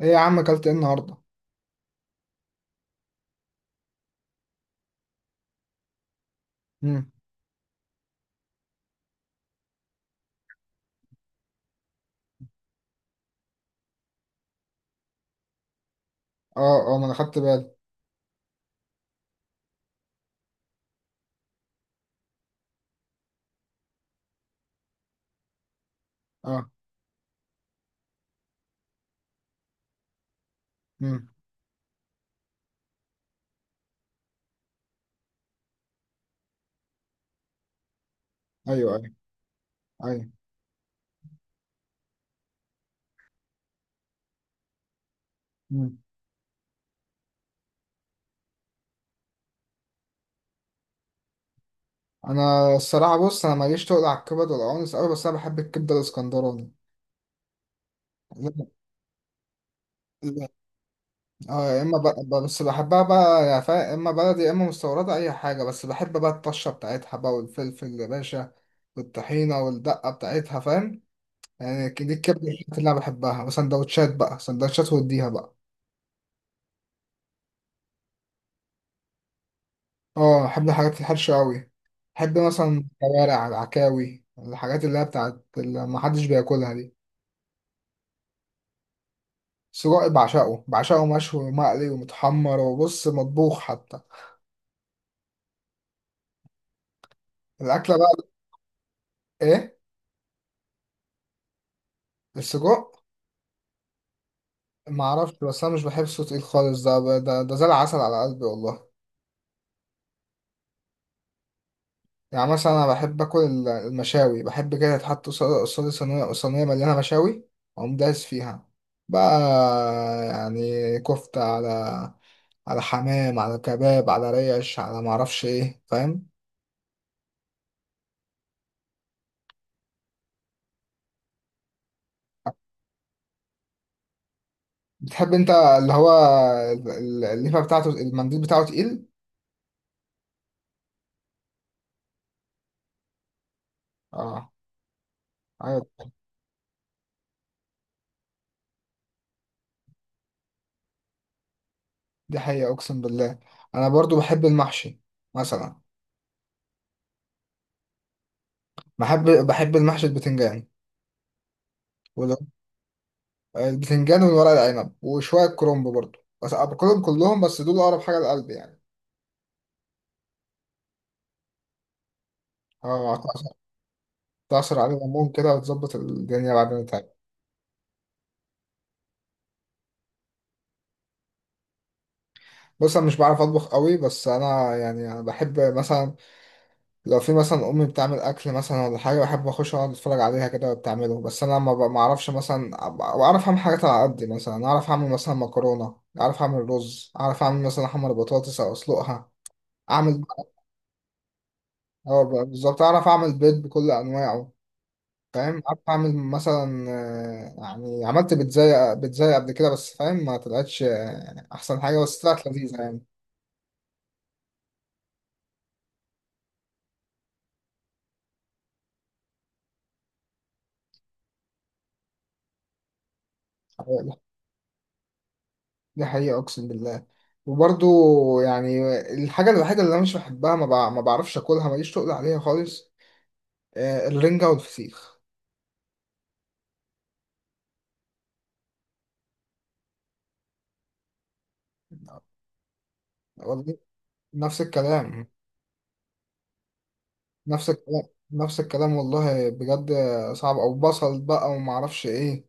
ايه يا عم، اكلت ايه النهارده؟ امم. اه، اه، ما انا خدت بالي. اه. امم. ايوه، ايوه. ايوه. امم. انا الصراحه، بص، انا ماليش تقل على الكبد والقوانص قوي، بس انا بحب الكبده الاسكندراني. لا- لا. اه، يا اما بس بحبها بقى، يا اما بلدي يا اما مستورده اي حاجه، بس بحب بقى الطشه بتاعتها بقى والفلفل يا باشا والطحينه والدقه بتاعتها، فاهم؟ يعني دي الكبده اللي انا بحبها. وسندوتشات بقى، سندوتشات واديها بقى. اه، احب الحاجات الحرشة قوي. احب مثلا الكوارع، العكاوي، الحاجات اللي هي بتاعت اللي محدش بياكلها دي. السجق بعشقه، بعشقه مشوي ومقلي ومتحمر، وبص، مطبوخ حتى. الاكله بقى. ايه؟ السجق. ما اعرفش، بس انا مش بحب صوت تقيل خالص. ده، زي العسل على قلبي والله. يعني مثلا انا بحب اكل المشاوي. بحب كده تحط قصادي صينيه صينيه مليانه مشاوي، اقوم دايس فيها بقى. يعني كفته، على حمام، على كباب، على ريش، على معرفش ايه، فاهم؟ بتحب انت اللي هو الليفه بتاعته المنديل بتاعه تقيل؟ اه. ايوه. دي حقيقة، اقسم بالله. انا برضو بحب المحشي مثلا. بحب المحشي البتنجان وال- البتنجان والورق العنب وشوية كرنب برضو، بس باكلهم كلهم، بس دول اقرب حاجة لقلبي يعني. اه، هتعصر. تعصر عليه ليمون كده وتظبط الدنيا بعدين تاني. بص، انا مش بعرف اطبخ قوي، بس انا يعني أنا بحب مثلا، لو في مثلا امي بتعمل اكل مثلا ولا حاجه، بحب اخش اقعد اتفرج عليها كده وهي بتعمله. بس انا ما اعرفش مثلا بعرف اعمل حاجات على قد مثلا. اعرف اعمل مثلا مكرونه، اعرف اعمل رز، اعرف اعمل مثلا احمر بطاطس او اسلقها. اعمل، اه، بالظبط اعرف اعمل بيض بكل انواعه، فاهم؟ اعرف اعمل مثلا، يعني عملت بيتزاي قبل كده، بس فاهم، ما طلعتش، يعني احسن حاجه، بس طلعت لذيذه يعني. دي حقيقة أقسم بالله. وبرضو، يعني الحاجة الوحيدة اللي أنا مش بحبها، ما بعرفش أكلها، ماليش تقل عليها خالص، الرنجة والفسيخ. والله. نفس الكلام. نفس الكلام. نفس الكلام والله بجد. صعب، أو بصل بقى وما أعرفش إيه.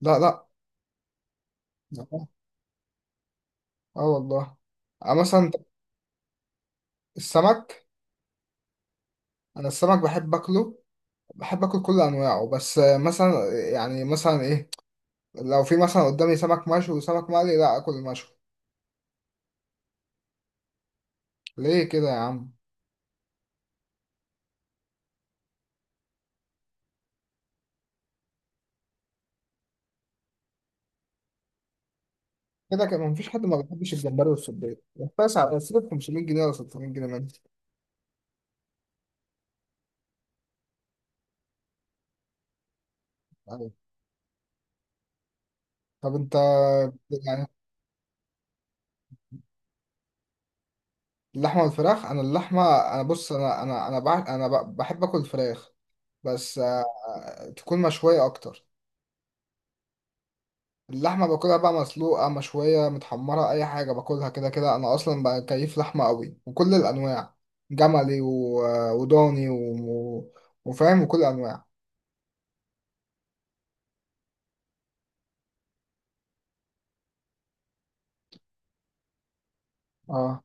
لا، لا. اه. آه والله. مثلا السمك. أنا السمك بحب أكله، بحب أكل كل أنواعه، بس مثلا، يعني مثلا إيه، لو في مثلا قدامي سمك مشوي وسمك مقلي، لا أكل المشوي. ليه كده يا عم؟ كده كان مفيش حد ما بيحبش الجمبري والسبيط. بس على سيبك 500 جنيه ولا 600 جنيه منه. يعني طب انت. يعني اللحمه والفراخ. انا اللحمه، انا بص، انا بحب اكل الفراخ، بس تكون مشويه اكتر. اللحمه باكلها بقى مسلوقه، مشويه، متحمره، اي حاجه. باكلها كده كده، انا اصلا بقى كيف لحمه قوي، وكل الانواع، جملي و... وضاني و... وفاهم، وكل الانواع. اه.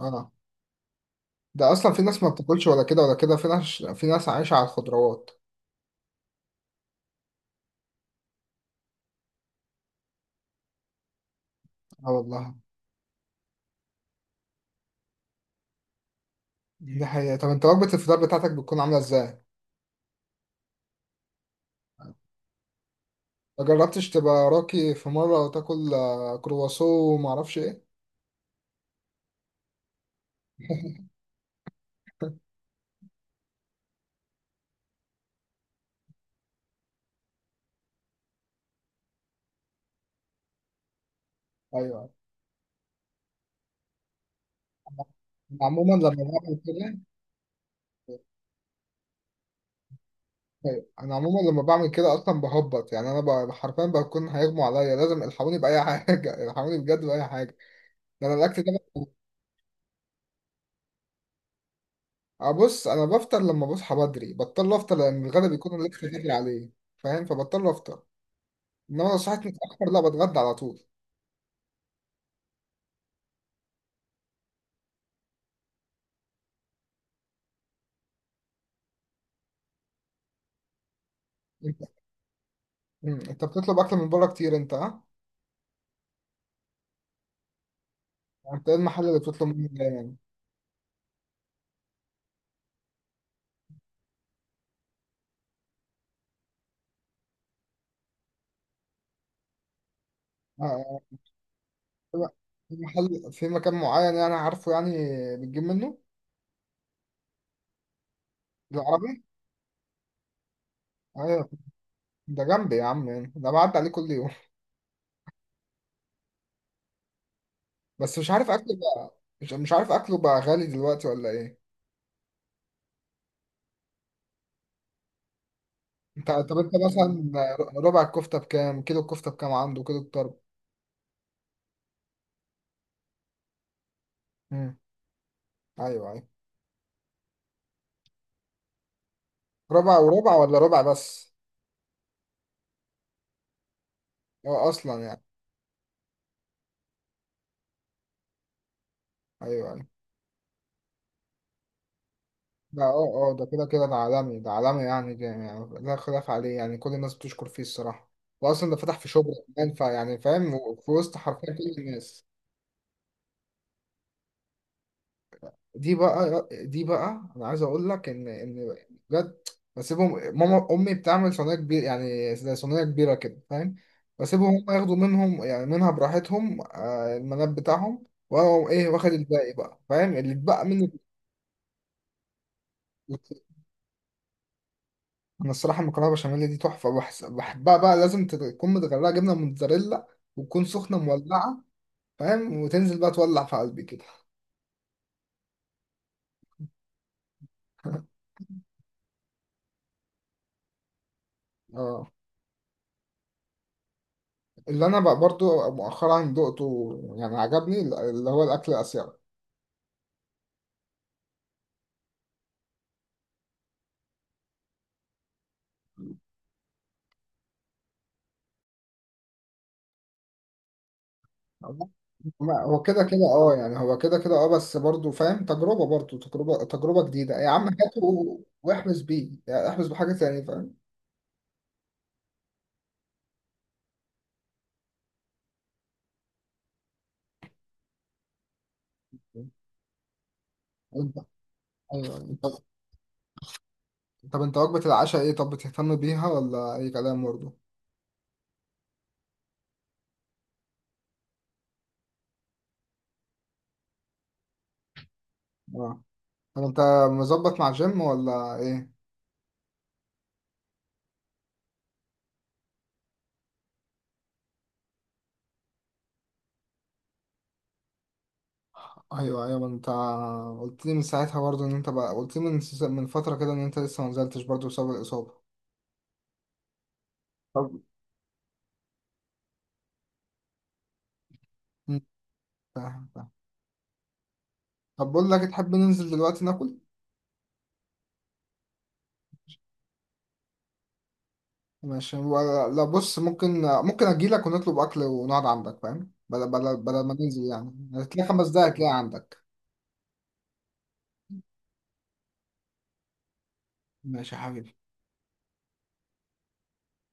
اه ده اصلا في ناس ما بتاكلش ولا كده ولا كده، في ناس، عايشه على الخضروات. اه والله. دي حقيقه. طب انت وجبه الفطار بتاعتك بتكون عامله ازاي؟ ما جربتش تبقى راقي في مره وتاكل، كرواسو وما اعرفش ايه؟ ايوه. انا عموما لما بعمل كده، اصلا بهبط يعني. انا حرفيا بكون هيغمى عليا، لازم الحقوني باي حاجه. الحقوني بجد باي حاجه، ده انا الاكل ده. ابص، انا بفطر لما بصحى بدري، بضطر افطر لان الغدا بيكون الاكل بدري عليه، فاهم، فبضطر افطر. انما لو صحيت متاخر، لا، بتغدى على طول. انت. مم. انت بتطلب اكل من بره كتير انت، ها؟ انت ايه المحل اللي بتطلب منه دايما، آه، آه، في محل، في مكان معين، يعني عارفه، يعني بتجيب منه؟ العربي. ايوه. ده جنبي يا عم يعني. ده بعدي عليه كل يوم. بس مش عارف اكله بقى، مش عارف اكله بقى، غالي دلوقتي ولا ايه؟ انت. طب انت مثلا ربع الكفته بكام، كيلو الكفته بكام عنده، كيلو الطرب؟ مم. ايوه، ايوه. ربع وربع ولا ربع بس؟ هو اصلا يعني. ايوه، ايوه. لا، اه، اه، ده كده كده. ده عالمي، ده عالمي يعني، ده يعني لا خلاف عليه، يعني كل الناس بتشكر فيه الصراحة. وأصلا ده فتح في شبرا كمان، فيعني فاهم، في وسط حرفيا كل الناس. دي بقى أنا عايز أقول لك إن بجد بسيبهم. أمي بتعمل صينية كبيرة، يعني زي صينية كبيرة كده فاهم، بسيبهم هم ياخدوا منهم يعني منها براحتهم، المناب بتاعهم. وأنا أقوم إيه، واخد الباقي بقى، فاهم، اللي اتبقى منه. انا الصراحه المكرونه بشاميل دي تحفه. بحبها بقى، لازم تكون متغرقه جبنه موتزاريلا، وتكون سخنه مولعه، فاهم، وتنزل بقى تولع في قلبي كده. اه. اللي انا بقى برضو مؤخرا دقته، يعني عجبني، اللي هو الاكل الاسيوي. هو كده كده اه، يعني هو كده كده اه، بس برضو فاهم، تجربه، برضو تجربه، تجربه جديده يا عم، هاته واحبس بيه، يعني احبس بحاجه تانية فاهم. انت. ايوه انت. طب انت وجبه العشاء ايه، طب بتهتم بيها ولا اي كلام برضو؟ آه. طب انت مظبط مع جيم ولا ايه؟ ايوه، ايوه. ما انت قلت لي من ساعتها برضه ان انت بقى، قلت لي من فتره كده ان انت لسه ما نزلتش برضه بسبب الاصابه. طب. مم. فاهم فاهم. طب بقول لك، تحب ننزل دلوقتي ناكل؟ ماشي لا، بص، ممكن اجي لك ونطلب اكل ونقعد عندك فاهم، بدل ما ننزل يعني. هتلاقي 5 دقايق هتلاقي عندك. ماشي يا حبيبي.